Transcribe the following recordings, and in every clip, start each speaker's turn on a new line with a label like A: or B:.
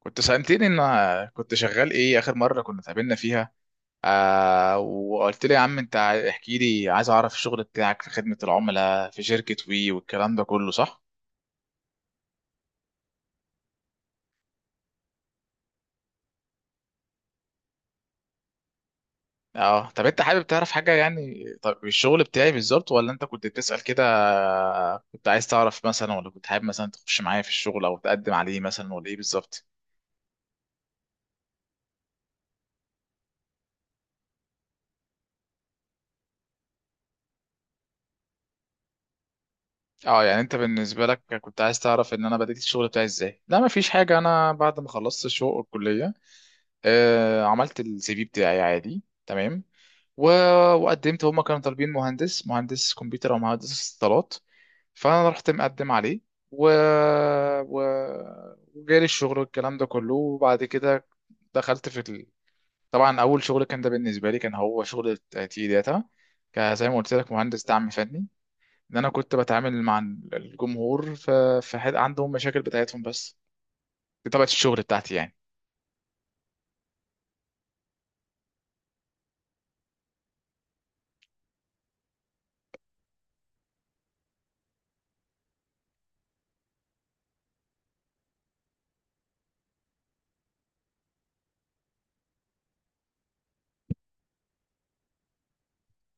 A: كنت سألتني ان كنت شغال ايه اخر مرة كنا اتقابلنا فيها. وقلت لي: يا عم انت احكي لي، عايز اعرف الشغل بتاعك في خدمة العملاء في شركة وي والكلام ده كله، صح؟ اه طب انت حابب تعرف حاجة؟ يعني طب الشغل بتاعي بالظبط، ولا انت كنت بتسأل كده؟ كنت عايز تعرف مثلا، ولا كنت حابب مثلا تخش معايا في الشغل او تقدم عليه مثلا، ولا ايه بالظبط؟ اه يعني انت بالنسبة لك كنت عايز تعرف ان انا بدأت الشغل بتاعي ازاي؟ لا، مفيش حاجة. انا بعد ما خلصت الشغل الكلية، عملت السي في بتاعي عادي تمام. و... وقدمت. هما كانوا طالبين مهندس كمبيوتر او مهندس اتصالات، فانا رحت مقدم عليه. و... و... وجالي الشغل والكلام ده كله. وبعد كده دخلت في ال... طبعا اول شغل كان ده، بالنسبه لي كان هو شغل تي داتا، زي ما قلت لك، مهندس دعم فني. ان انا كنت بتعامل مع الجمهور، في حد عندهم مشاكل بتاعتهم، بس دي طبيعه الشغل بتاعتي يعني.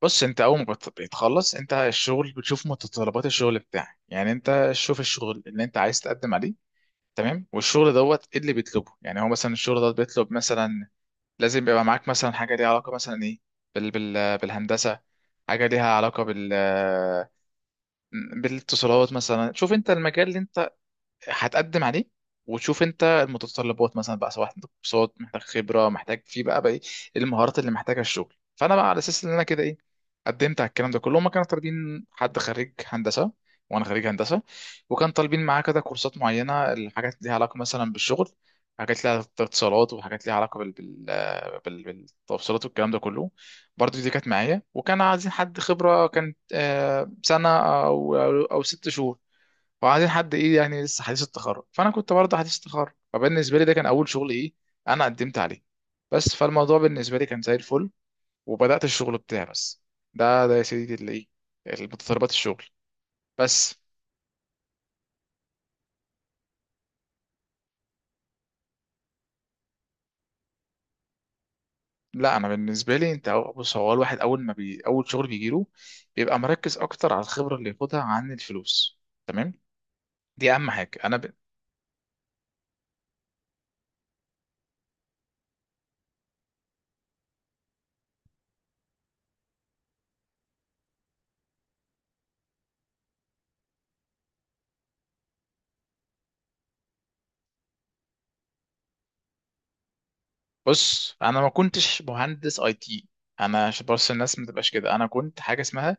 A: بص، انت اول ما بتخلص انت الشغل بتشوف متطلبات الشغل بتاعك. يعني انت شوف الشغل اللي انت عايز تقدم عليه، تمام؟ والشغل دوت ايه اللي بيطلبه؟ يعني هو مثلا الشغل دوت بيطلب مثلا لازم يبقى معاك مثلا حاجه ليها علاقه مثلا ايه، بالهندسه، حاجه ليها علاقه بالاتصالات مثلا. شوف انت المجال اللي انت هتقدم عليه، وتشوف انت المتطلبات مثلا بقى، سواء عندك كورسات، محتاج خبره، محتاج في بقى ايه المهارات اللي محتاجها الشغل. فانا بقى على اساس ان انا كده ايه، قدمت على الكلام ده كله. هما كانوا طالبين حد خريج هندسه، وانا خريج هندسه. وكان طالبين معاه كده كورسات معينه، الحاجات ليها علاقه مثلا بالشغل، حاجات ليها اتصالات وحاجات ليها علاقه بالتوصيلات والكلام ده كله، برضه دي كانت معايا. وكان عايزين حد خبره كانت سنه او او أو 6 شهور، وبعدين حد ايه يعني لسه حديث التخرج، فانا كنت برضه حديث التخرج، فبالنسبه لي ده كان اول شغل ايه انا قدمت عليه. بس، فالموضوع بالنسبه لي كان زي الفل، وبدات الشغل بتاعي بس. ده ده يا سيدي اللي ايه، متطلبات الشغل بس. لا، انا بالنسبه لي بص، هو الواحد اول ما اول شغل بيجيله بيبقى مركز اكتر على الخبره اللي ياخدها عن الفلوس، تمام؟ دي اهم حاجه بص، انا ما كنتش مهندس اي تي. انا عشان بس الناس ما تبقاش كده، انا كنت حاجه اسمها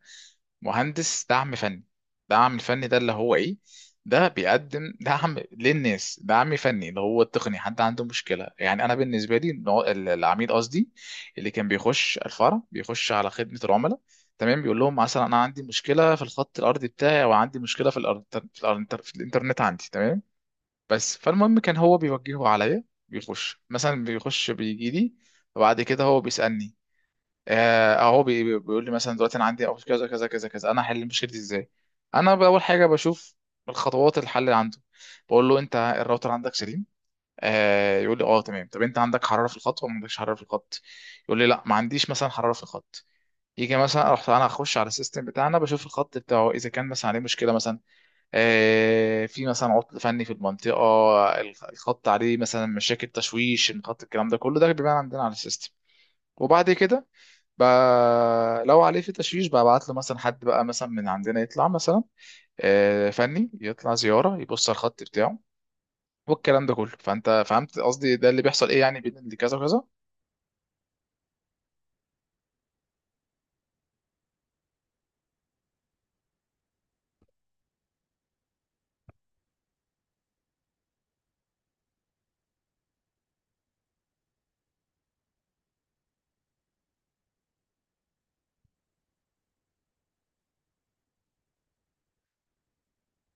A: مهندس دعم فني. دعم الفني ده اللي هو ايه؟ ده بيقدم دعم للناس. دعم فني اللي هو التقني، حد عنده مشكلة. يعني انا بالنسبة لي العميل قصدي، اللي كان بيخش الفرع بيخش على خدمة العملاء، تمام؟ بيقول لهم مثلا: انا عندي مشكلة في الخط الارضي بتاعي، او عندي مشكلة في الانترنت عندي، تمام؟ بس، فالمهم كان هو بيوجهه عليا، بيخش بيجي لي. وبعد كده هو بيسألني. اهو بيقول لي مثلا: دلوقتي انا عندي اوس كذا كذا كذا كذا، انا هحل مشكلتي دي ازاي؟ انا اول حاجه بشوف الخطوات الحل اللي عنده. بقول له: انت الراوتر عندك سليم؟ يقول لي: اه تمام. طب انت عندك حراره في الخط، ولا ما عندكش حراره في الخط؟ يقول لي: لا، ما عنديش مثلا حراره في الخط. يجي مثلا اروح انا اخش على السيستم بتاعنا، بشوف الخط بتاعه اذا كان مثلا عليه مشكله، مثلا في مثلا عطل فني في المنطقه، الخط عليه مثلا مشاكل، تشويش الخط، الكلام ده كله. ده بيبان عندنا على السيستم. وبعد كده بقى لو عليه في تشويش، ببعت له مثلا حد بقى مثلا من عندنا يطلع مثلا فني، يطلع زيارة يبص على الخط بتاعه والكلام ده كله. فانت فهمت قصدي، ده اللي بيحصل ايه يعني بين اللي كذا وكذا.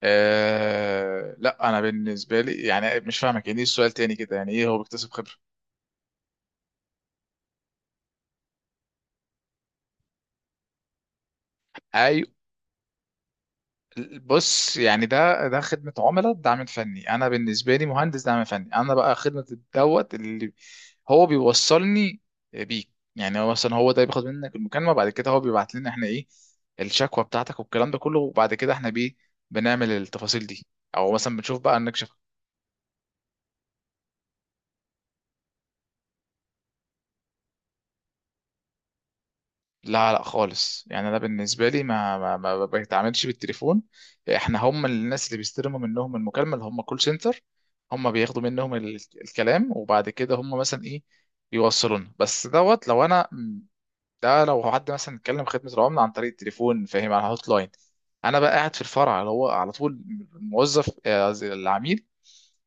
A: لا، انا بالنسبه لي يعني مش فاهمك يعني ايه السؤال، تاني كده: يعني ايه هو بيكتسب خبره؟ بص، يعني ده خدمة عملاء، دعم فني. أنا بالنسبة لي مهندس دعم فني. أنا بقى خدمة الدوت اللي هو بيوصلني بيك. يعني هو مثلا، هو ده بياخد منك المكالمة، بعد كده هو بيبعت لنا احنا إيه، الشكوى بتاعتك والكلام ده كله. وبعد كده احنا بيه بنعمل التفاصيل دي، أو مثلا بنشوف بقى نكشف. لا، لا، خالص. يعني انا بالنسبه لي ما بتعاملش بالتليفون. احنا هم الناس اللي بيستلموا منهم المكالمه اللي هم كول سنتر. هم بياخدوا منهم الكلام، وبعد كده هم مثلا ايه، بيوصلونا بس دوت. لو انا، ده لو حد مثلا اتكلم خدمه العملاء عن طريق التليفون، فاهم؟ على الهوت لاين. انا بقى قاعد في الفرع اللي هو على طول الموظف آه، العميل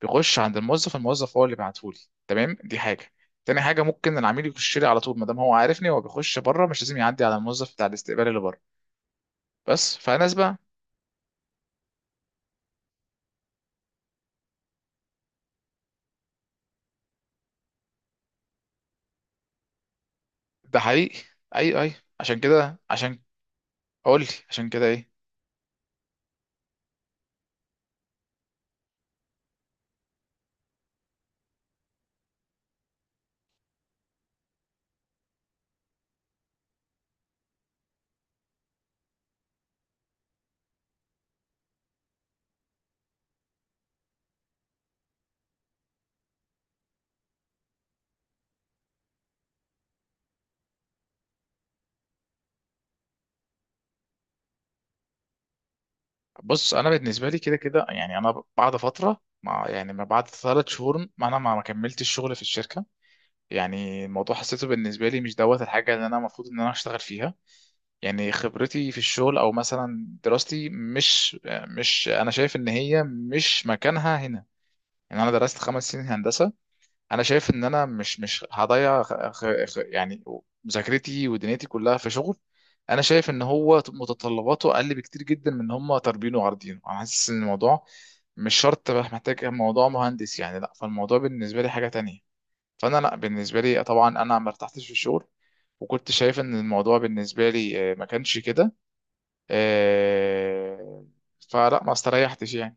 A: بيخش عند الموظف هو اللي بيبعتهولي، تمام؟ دي حاجه. تاني حاجه، ممكن العميل يخش لي على طول، ما دام هو عارفني هو بيخش بره، مش لازم يعدي على الموظف بتاع الاستقبال اللي بره. بس، فناس بقى. ده حقيقي. اي، اي، عشان كده. عشان اقول لي عشان كده ايه. بص، انا بالنسبه لي كده كده يعني، انا بعد فتره مع يعني، ما بعد 3 شهور، ما انا ما كملتش الشغل في الشركه. يعني الموضوع حسيته بالنسبه لي مش دوت الحاجه اللي انا المفروض ان انا اشتغل فيها. يعني خبرتي في الشغل او مثلا دراستي مش انا شايف ان هي مش مكانها هنا. يعني انا درست 5 سنين هندسه، انا شايف ان انا مش هضيع يعني مذاكرتي ودنيتي كلها في شغل. انا شايف ان هو متطلباته اقل بكتير جدا من ان هم طالبينه وعارضينه. انا حاسس ان الموضوع مش شرط بقى محتاج موضوع مهندس يعني، لا، فالموضوع بالنسبه لي حاجه تانية. فانا لا بالنسبه لي، طبعا انا ما ارتحتش في الشغل، وكنت شايف ان الموضوع بالنسبه لي ما كانش كده. آه، فلا، ما استريحتش يعني.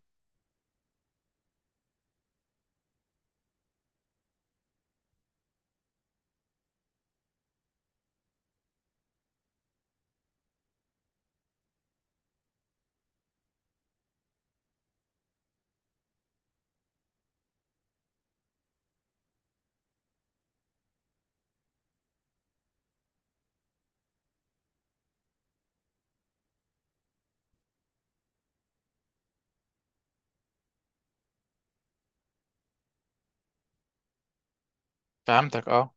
A: فهمتك، اه.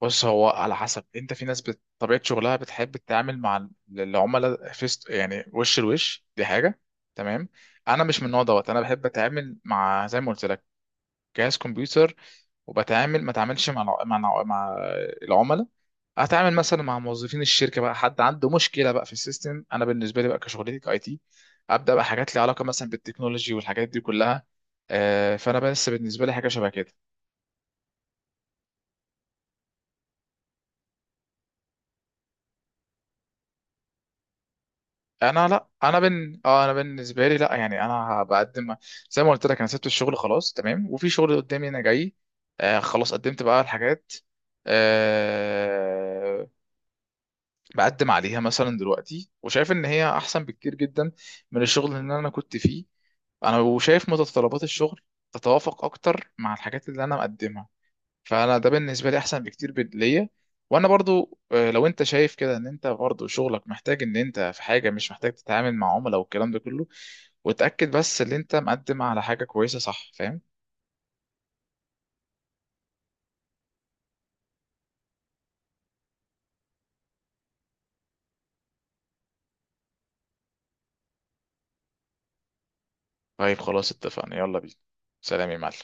A: بص، هو على حسب انت، في ناس طبيعة شغلها بتحب تتعامل مع العملاء فيست، يعني وش لوش، دي حاجة، تمام. انا مش من النوع دوت. انا بحب اتعامل، مع زي ما قلت لك، جهاز كمبيوتر، وبتعامل ما اتعاملش مع العملاء. اتعامل مثلا مع موظفين الشركه بقى، حد عنده مشكله بقى في السيستم. انا بالنسبه لي بقى كشغلتي كاي تي ابدا بقى حاجات ليها علاقه مثلا بالتكنولوجي والحاجات دي كلها. فانا بس بالنسبه لي حاجه شبه كده. انا لا، انا بن اه انا بالنسبه لي لا يعني، انا بقدم زي ما قلت لك، انا سبت الشغل خلاص تمام، وفي شغل قدامي انا جاي. خلاص قدمت بقى الحاجات. آه بقدم عليها مثلا دلوقتي، وشايف ان هي احسن بكتير جدا من الشغل اللي انا كنت فيه. انا وشايف متطلبات الشغل تتوافق اكتر مع الحاجات اللي انا مقدمها، فانا ده بالنسبه لي احسن بكتير ليا. وانا برضو، لو انت شايف كده ان انت برضو شغلك محتاج ان انت في حاجه مش محتاج تتعامل مع عملاء والكلام ده كله، وتاكد بس ان انت مقدم على حاجه كويسه، صح؟ فاهم. طيب خلاص، اتفقنا، يلا بينا. سلام يا معلم.